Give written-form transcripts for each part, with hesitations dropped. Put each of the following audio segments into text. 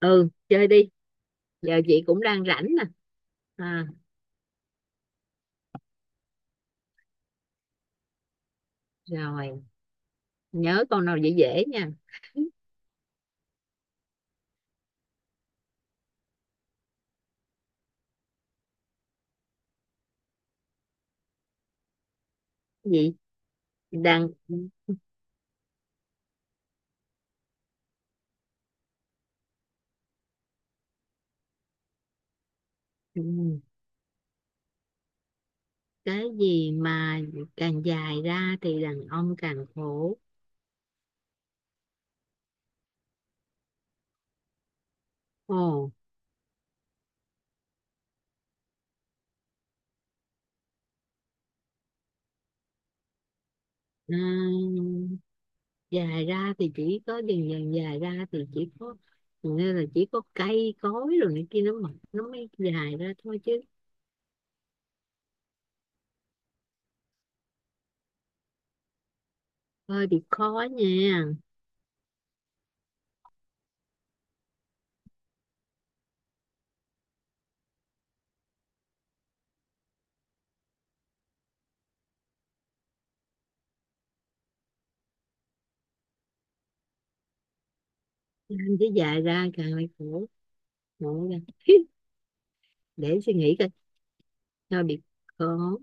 Ừ, chơi đi. Giờ chị cũng đang rảnh nè. À, rồi. Nhớ con nào dễ dễ nha. Gì. Đàn. Ừ, cái gì mà càng dài ra thì đàn ông càng khổ? Ồ. Ừ, dài ra thì chỉ có dần dần dài ra thì chỉ có, nên là chỉ có cây cối rồi này kia nó mọc nó mới dài ra thôi chứ. Thôi thì khó nha. Anh chứ dài ra càng lại khổ. Khổ ra. Để suy nghĩ coi. Thôi, bị khó.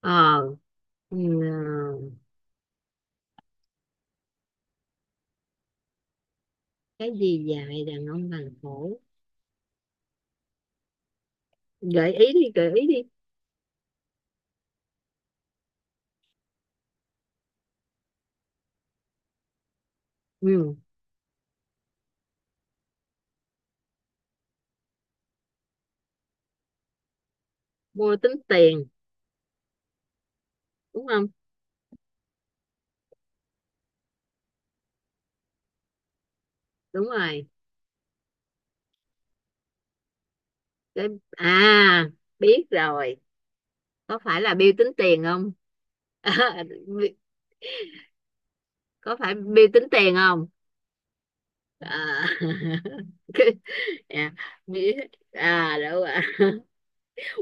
ờ Ừ, cái gì dài đàn ông bằng cổ. Gợi ý đi, gợi ý đi. Ừ. Mua tính tiền đúng không? Đúng rồi. Cái à Biết rồi. Có phải là bill tính tiền không? À, có phải bill tính tiền không? À, cái- à, biết. À, đúng rồi.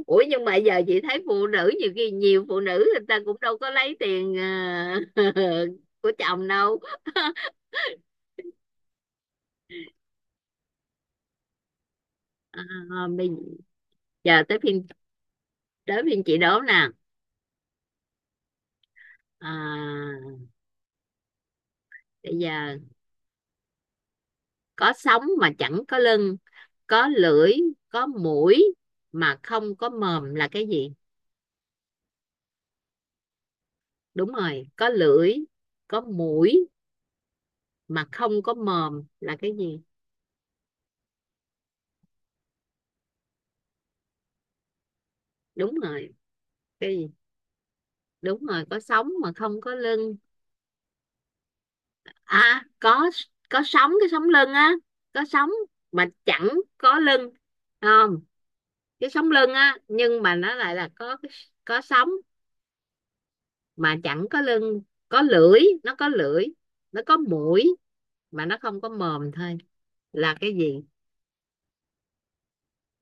Ủa nhưng mà giờ chị thấy phụ nữ nhiều khi nhiều phụ nữ người ta cũng đâu có lấy tiền của chồng đâu. À, bây giờ tới phiên. Đố bên chị đố nè. À, bây giờ có sống mà chẳng có lưng, có lưỡi, có mũi mà không có mồm là cái gì? Đúng rồi, có lưỡi, có mũi mà không có mồm là cái gì? Đúng rồi. Cái gì? Đúng rồi, có sống mà không có lưng. À, có. Có sống, cái sống lưng á. Có sống mà chẳng có lưng, không? Cái sống lưng á nhưng mà nó lại là có. Có sống mà chẳng có lưng. Có lưỡi Nó có lưỡi, nó có mũi mà nó không có mồm thôi. Là cái gì?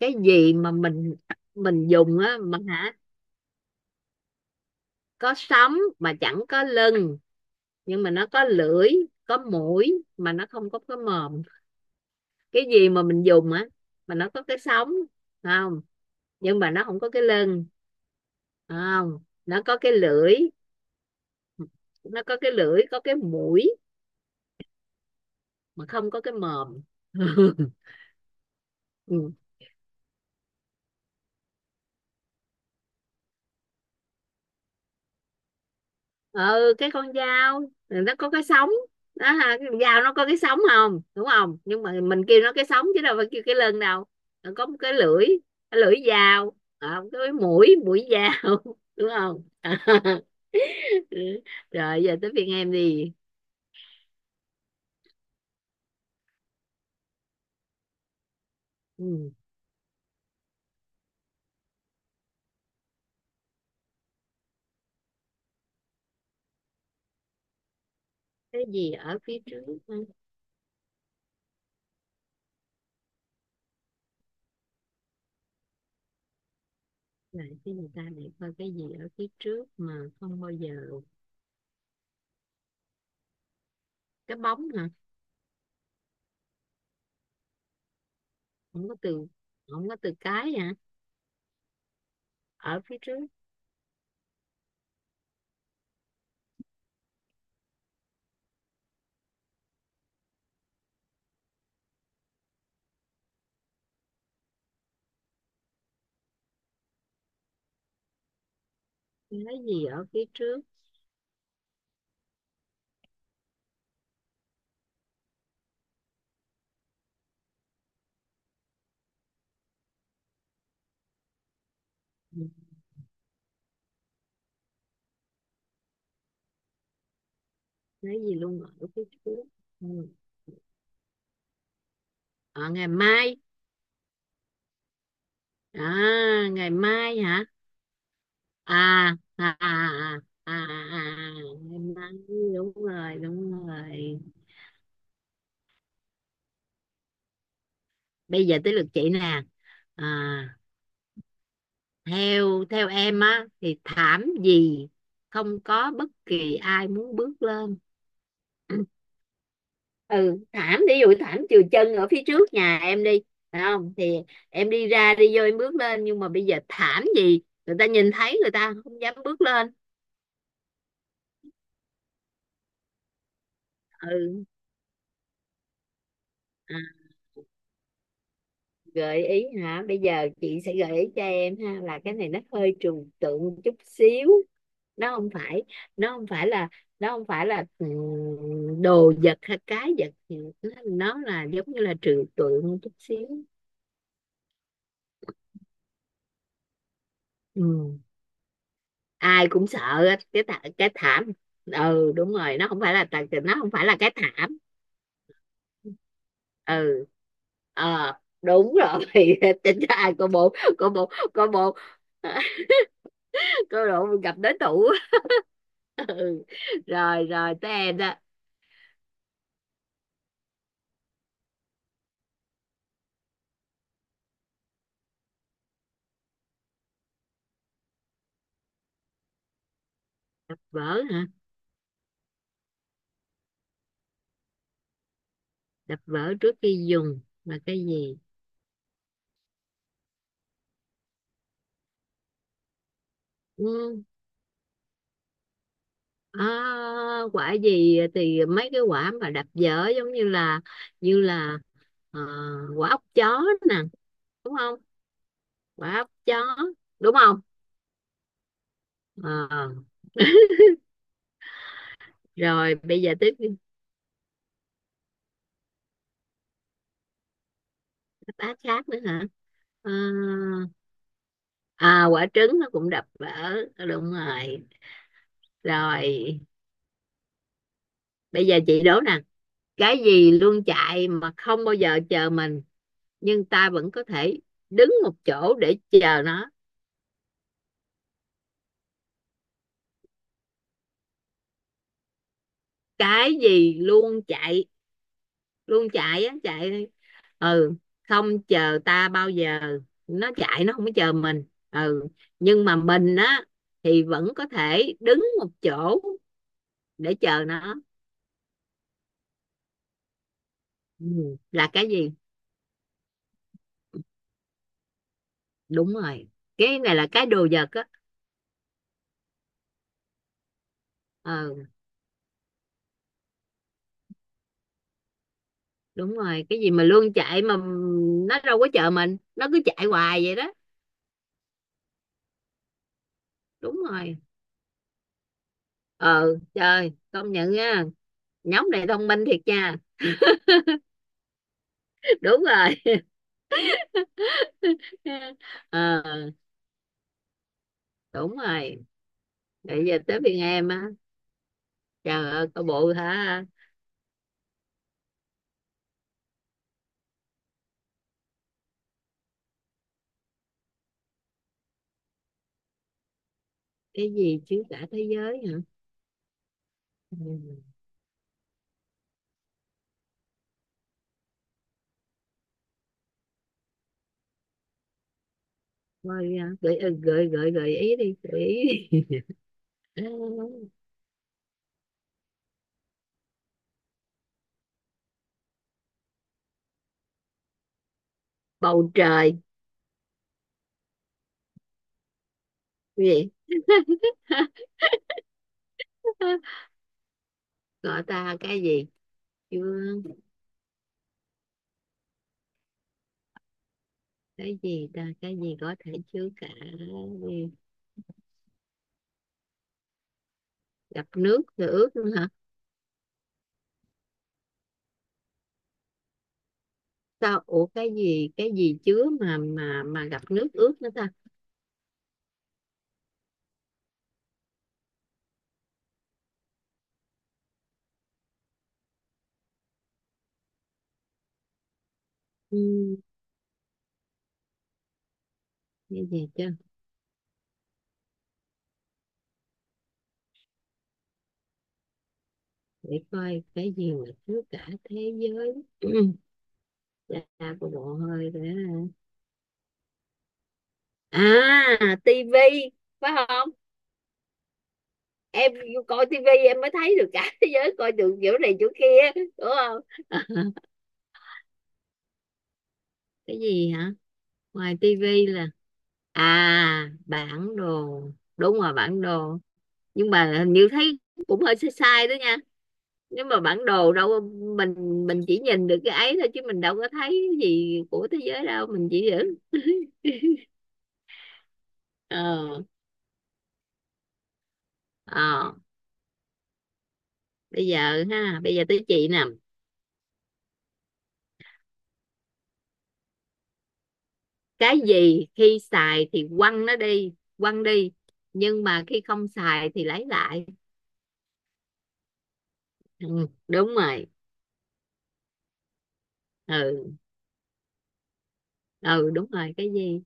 Cái gì mà mình dùng á mà hả? Có sống mà chẳng có lưng, nhưng mà nó có lưỡi, có mũi mà nó không có cái mồm. Cái gì mà mình dùng á, mà nó có cái sống, không? Nhưng mà nó không có cái lưng. Không, nó có cái lưỡi, có cái mũi mà không có cái mồm. Ừ. Ừ, cái con dao, nó có cái sống đó ha, cái dao nó có cái sống không, đúng không? Nhưng mà mình kêu nó cái sống chứ đâu phải kêu cái lưng đâu. Nó có một cái lưỡi, cái lưỡi dao. À, cái mũi mũi dao. Đúng không? Rồi, giờ tới phiên em đi. Ừ. Cái gì ở phía trước á? Là cái người ta này coi cái gì ở phía trước mà không bao giờ. Cái bóng hả? Không có từ. Không có từ cái hả? Ở phía trước. Cái gì ở phía trước? Ừ. Cái gì luôn ở phía trước? Ừ. À, ngày mai. À, ngày mai hả? à à à à, à, à. À, ngày mai. Đúng rồi, đúng rồi. Bây giờ tới lượt chị nè. À, theo theo em á thì thảm gì không có bất kỳ ai muốn bước lên? Ừ. Ừ, thảm ví dụ thảm chừa chân ở phía trước nhà em đi, phải không? Thì em đi ra đi vô em bước lên nhưng mà bây giờ thảm gì người ta nhìn thấy người ta không dám bước lên. Ừ. À, gợi ý hả? Bây giờ chị sẽ gợi ý cho em ha, là cái này nó hơi trừu tượng một chút xíu. Nó không phải nó không phải là nó không phải là đồ vật hay cái vật gì. Nó là giống như là trừu tượng một chút xíu. Ừ. Ai cũng sợ. Á, cái thảm. Ừ đúng rồi, nó không phải là cái thảm. Ừ. ờ Đúng rồi. Tính ra ai cô bộ, cô bộ, cô bộ. Cô bộ gặp đối thủ. Ừ. Rồi, rồi, tới em đó. Đập vỡ hả? Đập vỡ trước khi dùng là cái gì? Ừ. À, quả gì thì mấy cái quả mà đập vỡ giống như là, như là ờ, quả ốc chó nè, đúng không? Quả ốc chó đúng không? Ờ, rồi bây giờ tiếp. Đáp khác nữa hả? Ờ, à, quả trứng nó cũng đập vỡ. Đúng rồi. Rồi bây giờ chị đố nè. Cái gì luôn chạy mà không bao giờ chờ mình, nhưng ta vẫn có thể đứng một chỗ để chờ nó? Cái gì luôn chạy á chạy. Ừ, không chờ ta bao giờ, nó chạy nó không có chờ mình. Ừ, nhưng mà mình á, thì vẫn có thể đứng một chỗ để chờ nó. Ừ. Là cái gì? Đúng rồi. Cái này là cái đồ vật á. Ừ, đúng rồi, cái gì mà luôn chạy mà nó đâu có chờ mình, nó cứ chạy hoài vậy đó. Đúng rồi. Ừ trời, công nhận nha, nhóm này thông minh thiệt nha. Đúng rồi. ờ Đúng rồi. Bây giờ tới phiên em á. Trời ơi, có bộ hả? Cái gì chứ cả thế giới hả? Ừ. Thôi gợi ý đi, gợi ý đi. À, bầu trời, cái gì? Gọi ta cái gì? Chưa, cái gì có thể chứa cả gì? Gặp nước rồi ướt nữa hả? Sao, ủa cái gì chứa mà gặp nước ướt nữa ta? Ừ, cái gì chứ? Để coi cái gì mà chứa cả thế giới. Ra cô bộ hơi để. À, tivi phải không? Em coi tivi em mới thấy được cả thế giới, coi được chỗ này chỗ kia đúng không? Cái gì hả? Ngoài tivi là. À, bản đồ. Đúng rồi, bản đồ. Nhưng mà hình như thấy cũng hơi sai sai đó nha. Nếu mà bản đồ mình mình chỉ nhìn được cái ấy thôi, chứ mình đâu có thấy cái gì của thế giới đâu, mình chỉ giữ. ờ ờ Bây giờ tới chị nè. Cái gì khi xài thì quăng nó đi, quăng đi, nhưng mà khi không xài thì lấy lại? Ừ, đúng rồi. Ừ, ừ, đúng rồi, cái gì?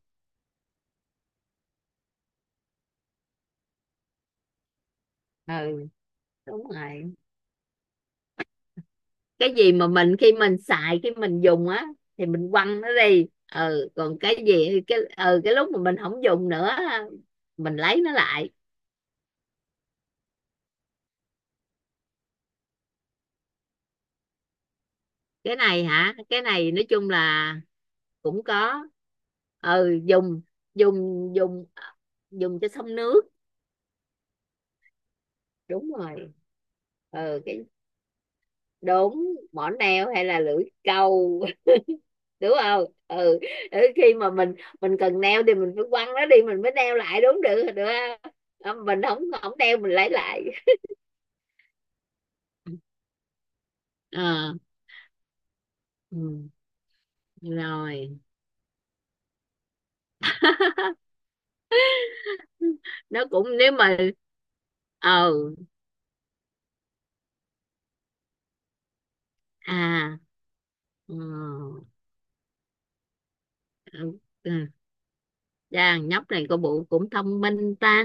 Ừ đúng rồi, cái gì mà mình khi mình dùng á thì mình quăng nó đi. Ừ còn cái gì, cái lúc mà mình không dùng nữa á, mình lấy nó lại. Cái này hả? Cái này nói chung là cũng có. Ừ, dùng dùng dùng à, dùng cho xong nước. Đúng rồi. Ừ, đúng, mỏ neo hay là lưỡi câu. Đúng không? Ừ. Ừ, khi mà mình cần neo thì mình phải quăng nó đi mình mới neo lại đúng, được được, không? Ờ, mình không không neo mình lấy lại. À, ừ, rồi. Nó cũng nếu mà. ờ à ừ, ừ, ừ. Dạ, nhóc này có bộ cũng thông minh ta.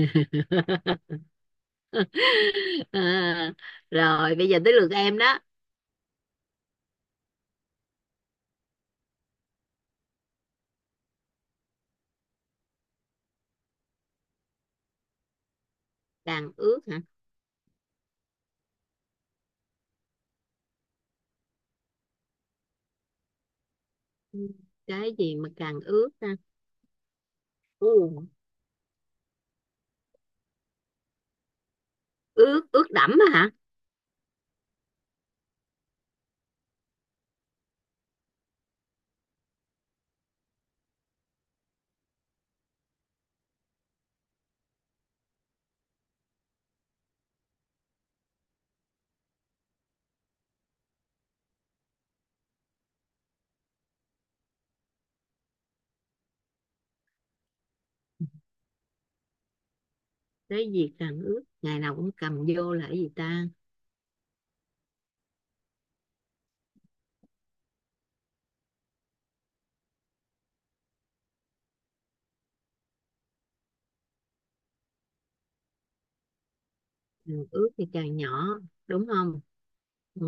À, rồi bây giờ tới lượt em đó. Đàn ước. Ừ. Cái gì mà càng ướt ha? Ừ. Ướt ướt đẫm á hả? Cái gì càng ướt ngày nào cũng cầm vô là cái gì ta? Càng ướt thì càng nhỏ, đúng không? Ừ.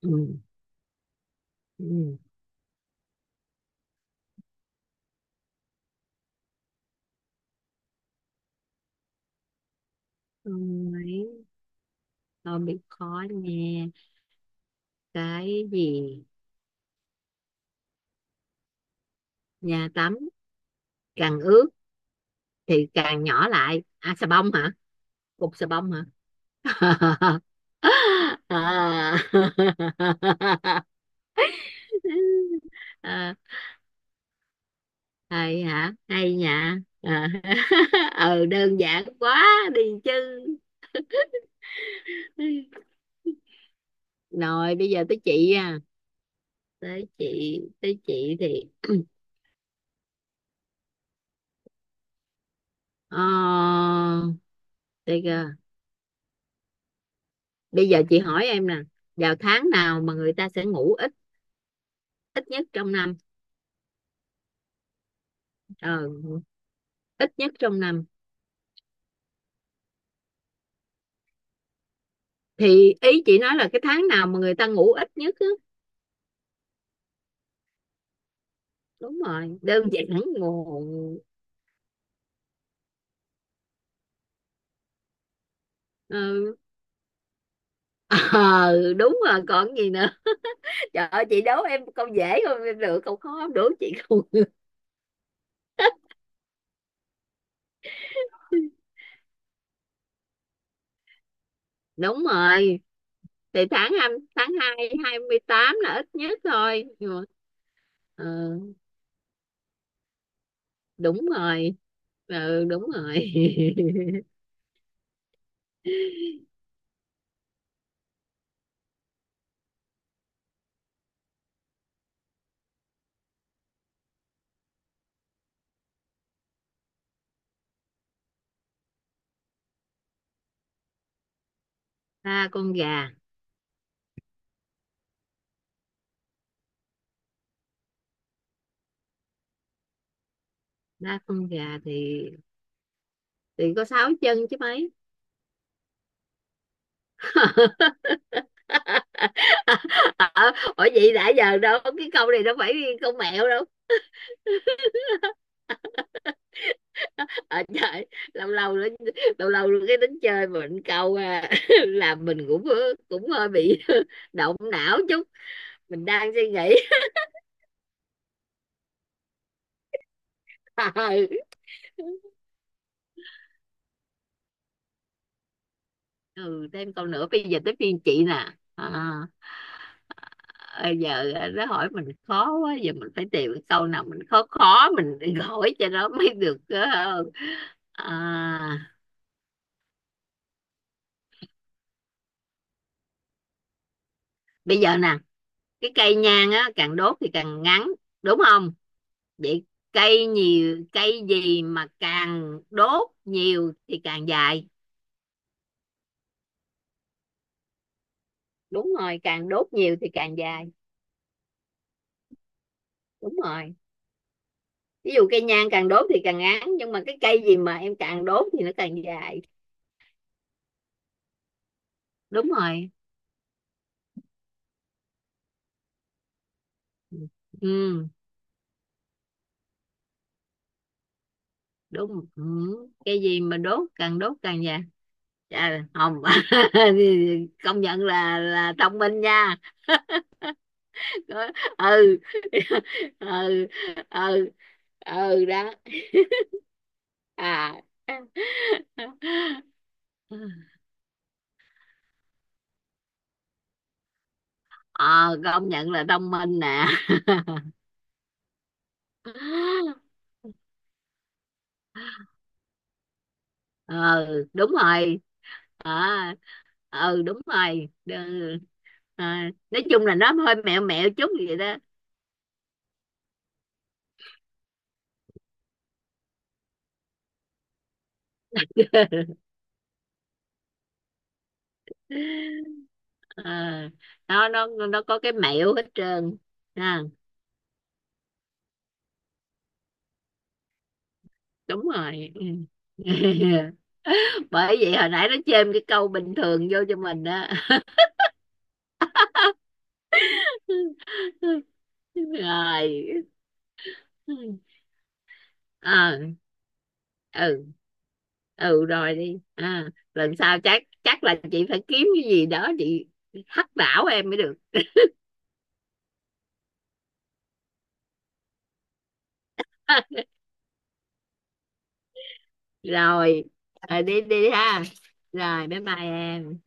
Ừ. Ừ. Không ấy, không biết, khó nghe. Cái gì? Nhà tắm? Càng ướt thì càng nhỏ lại, à, xà bông hả? Cục xà bông hả? À. À, hay hả? Hay nha. Ờ. Ừ, đơn giản quá đi chứ. Rồi bây giờ tới chị à. Tới chị thì ờ đây kìa. Bây giờ chị hỏi em nè, vào tháng nào mà người ta sẽ ngủ ít ít nhất trong năm? Ờ, ít nhất trong năm. Thì ý chị nói là cái tháng nào mà người ta ngủ ít nhất á. Đúng rồi, đơn giản, ngủ. Ừ. Ờ, đúng rồi, còn gì nữa. Trời ơi, chị đố em câu dễ không, em được câu khó em đố chị không. Đúng rồi. Thì tháng hai 28 là ít nhất thôi. Nhưng mà, đúng rồi. Ừ, đúng rồi. Ba con gà. Ba con gà thì có sáu chân chứ mấy. Ờ, ủa vậy đã giờ đâu, cái câu này đâu phải câu mẹo đâu. Ở trời, lâu lâu nữa lâu lâu nữa cái tính chơi mình câu làm mình cũng cũng hơi bị động não chút, mình đang suy nghĩ. Ừ, thêm câu nữa. Bây giờ tới phiên chị nè. À, bây giờ nó hỏi mình khó quá, giờ mình phải tìm cái câu nào mình khó khó mình hỏi cho nó mới được ờ. À, bây giờ nè, cái cây nhang á càng đốt thì càng ngắn, đúng không? Vậy cây gì mà càng đốt nhiều thì càng dài? Đúng rồi, càng đốt nhiều thì càng dài. Đúng rồi, ví dụ cây nhang càng đốt thì càng ngắn nhưng mà cái cây gì mà em càng đốt thì nó càng dài? Đúng rồi. Ừ, đúng. Ừ. Cây gì mà đốt, càng đốt càng dài? Trời, không, công nhận là thông minh nha. Ừ. Ừ, ừ. Ừ đó. À. Ờ, công nhận là thông minh nè. ờ Đúng rồi. À, ừ, đúng rồi. À, nói chung là nó hơi mẹo mẹo chút vậy đó. Ờ, nó có cái mẹo hết trơn ha. Đúng rồi. Bởi vậy hồi nãy nó chêm cái câu bình thường vô cho mình đó. Rồi. Ờ. Ừ. Ừ rồi, đi à, lần sau chắc chắc là chị phải kiếm cái gì đó chị hắc đảo em mới được. Rồi. Ờ, đi đi ha. Rồi bye bye em.